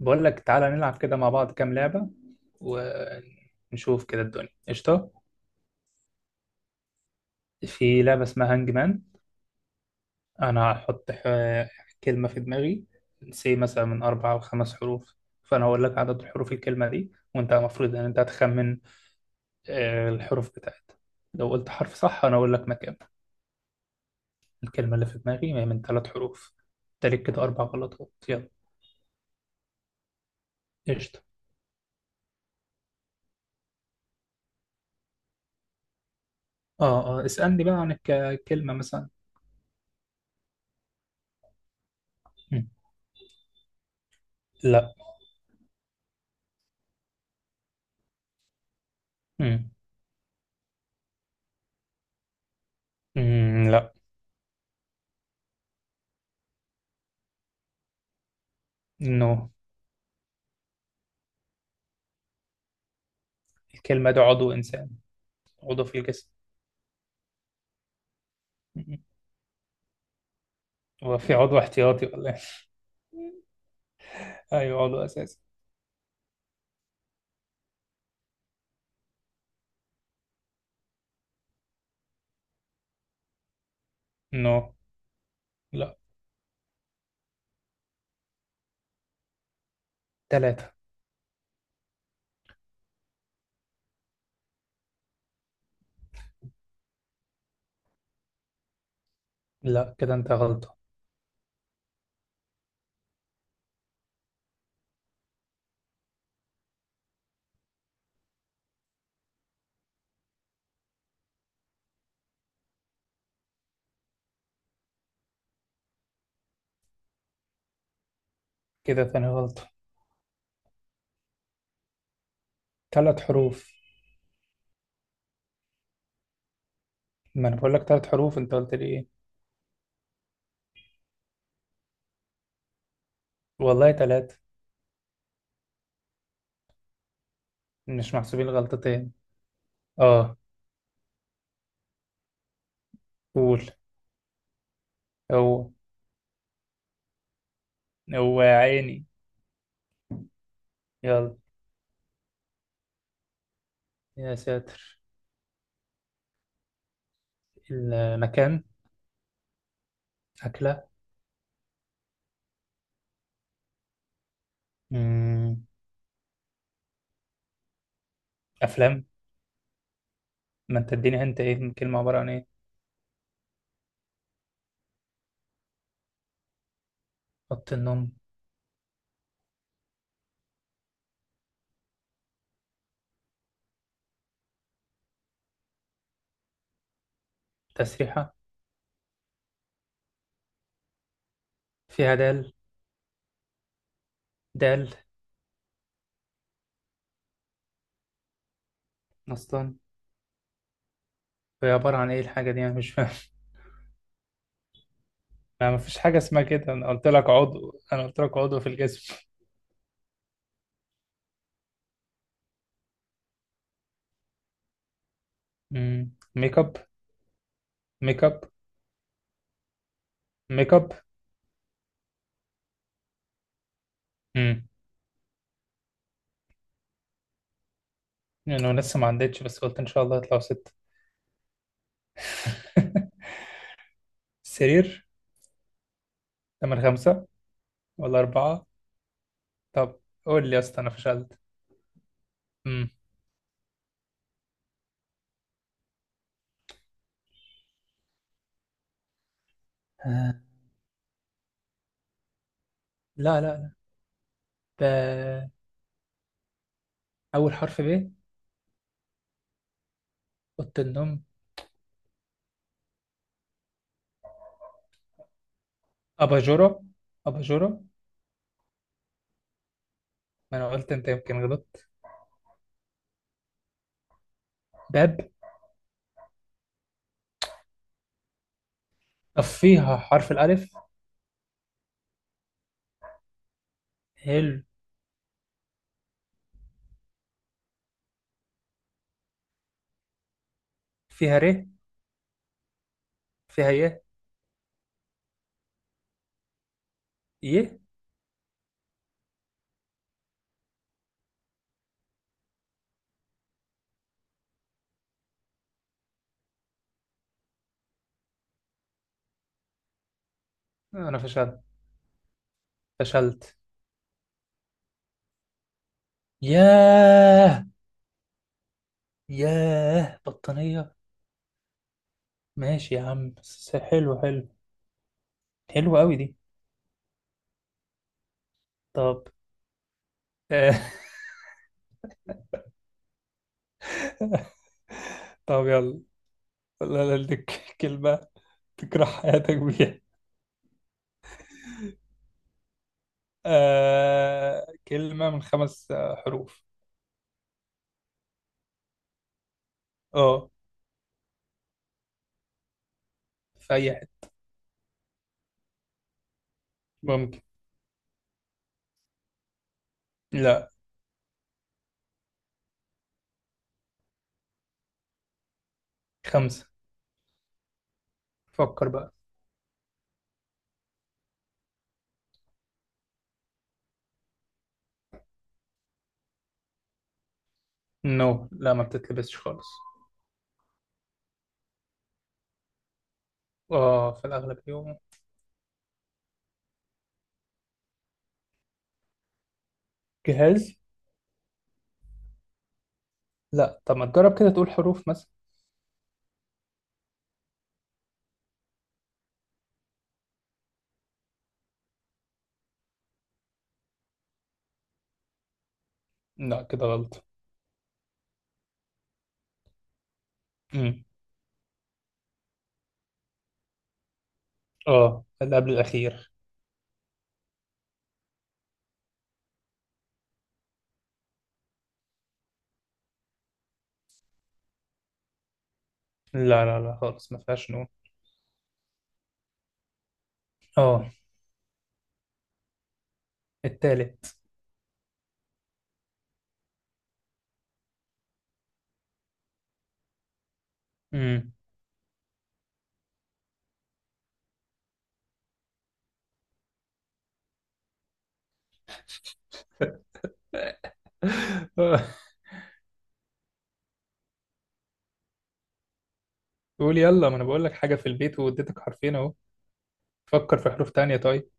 بقول لك تعالى نلعب كده مع بعض كام لعبة، ونشوف كده الدنيا قشطة. في لعبة اسمها هانج مان. أنا هحط كلمة في دماغي. سي مثلا من 4 أو 5 حروف. فأنا هقول لك عدد حروف الكلمة دي، وأنت المفروض إن أنت هتخمن الحروف بتاعتها. لو قلت حرف صح أنا أقول لك مكان. الكلمة اللي في دماغي هي من 3 حروف. تالت كده 4 غلطات، يلا. قشطة. آه آه، اسألني بقى عن الكلمة مثلا. مم. لا. مم. مم، لا. نو. الكلمة ده عضو إنسان. عضو في الجسم. هو في عضو احتياطي ولا إيه؟ أيوة، عضو أساسي. نو. لا. 3. لا كده أنت غلطة. كده ثاني غلطة. 3 حروف. ما أنا بقول لك 3 حروف، أنت قلت لي إيه؟ والله 3. مش محسوبين غلطتين. آه. قول. هو. هو يا عيني. يلا. يا ساتر. المكان. أكلة. مم. أفلام. ما أنت اديني، أنت إيه الكلمة عبارة عن إيه؟ أوضة النوم. تسريحة. فيها دال. دال. اصلا. هي عباره عن ايه الحاجه دي؟ انا مش فاهم. انا مفيش حاجه اسمها كده، انا قلت لك عضو، انا قلت لك عضو في الجسم. ميك اب، ميك اب، ميك اب. امم انا لسه ما عدتش، بس قلت ان شاء الله يطلعوا 6. سرير. تمن 5 ولا 4. طب. قول لي يا اسطى أنا فشلت. امم آه. لا لا لا. ده أول حرف ب. أوضة النوم. أباجورة، أباجورة. ما أنا قلت أنت يمكن غلطت. باب. طب فيها حرف الألف. حلو. فيها ر. فيها ايه؟ ايه. انا فشلت. فشلت. ياه. ياه بطانية. ماشي يا عم، حلو حلو. حلو قوي دي. طب. آه، طب يلا. لا. لا لك كلمة تكره حياتك بيها. كلمة من 5 حروف. اه. في أي حتة. ممكن. لا. 5. فكر بقى. نو. لا، ما بتتلبسش خالص. اه، في الأغلب يوم. جهاز. لا، طب ما تجرب كده تقول حروف مثلا. لا كده غلط. امم اه، اللي قبل الأخير. لا لا لا خالص، ما فيهاش نون. اه. التالت. امم آه، قول يلا. ما انا بقول لك حاجة في البيت، واديتك حرفين اهو. فكر في حروف تانية طيب.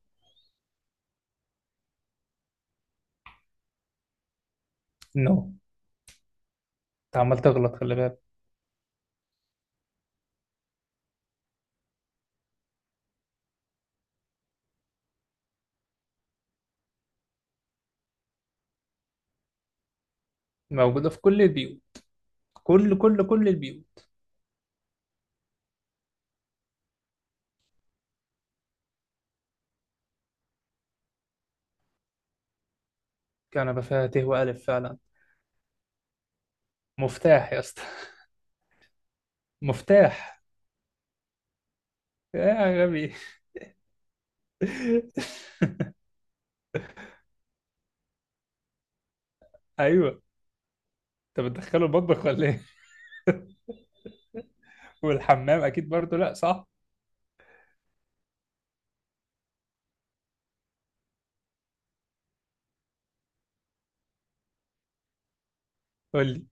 نو. انت عمال تغلط، خلي بالك. موجودة في كل البيوت. كل كل كل البيوت. كنبة فيها ت وألف فعلا. مفتاح يا اسطى. مفتاح. يا غبي. ايوه. انت بتدخله المطبخ ولا ايه؟ والحمام اكيد برضه لا، صح؟ قول لي.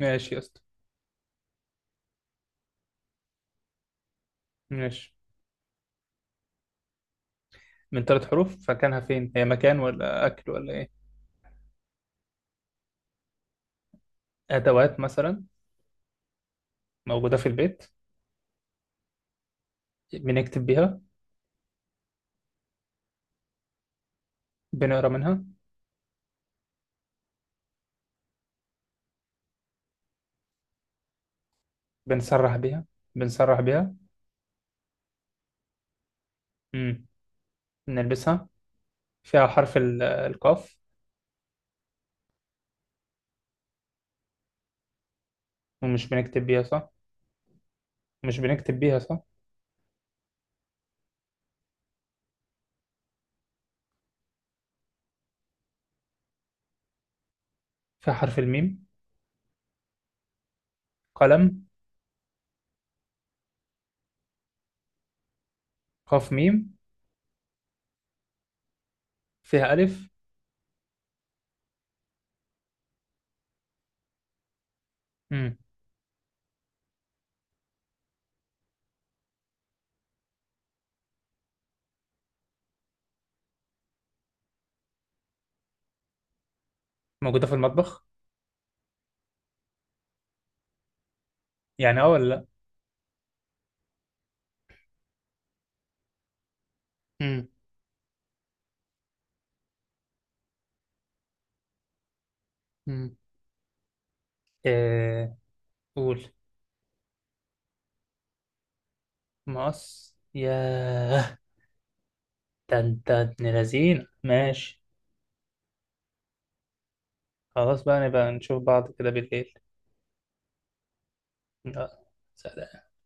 ماشي يا اسطى. ماشي. من 3 حروف، فكانها فين؟ هي مكان ولا أكل ولا إيه؟ أدوات مثلا. موجودة في البيت. بنكتب بيها. بنقرا منها. بنسرح بيها، بنسرح بيها. امم بنلبسها. فيها حرف القاف. ومش بنكتب بيها صح؟ مش بنكتب بيها صح؟ فيها حرف الميم. قلم. قاف ميم. فيها ألف. امم موجودة في المطبخ. يعني اه ولا لا؟ امم امم إيه. قول. مقص ياه. ده انت ابن لذينه، ماشي. خلاص بقى، نبقى نشوف بعض كده بالليل. يلا، سلام.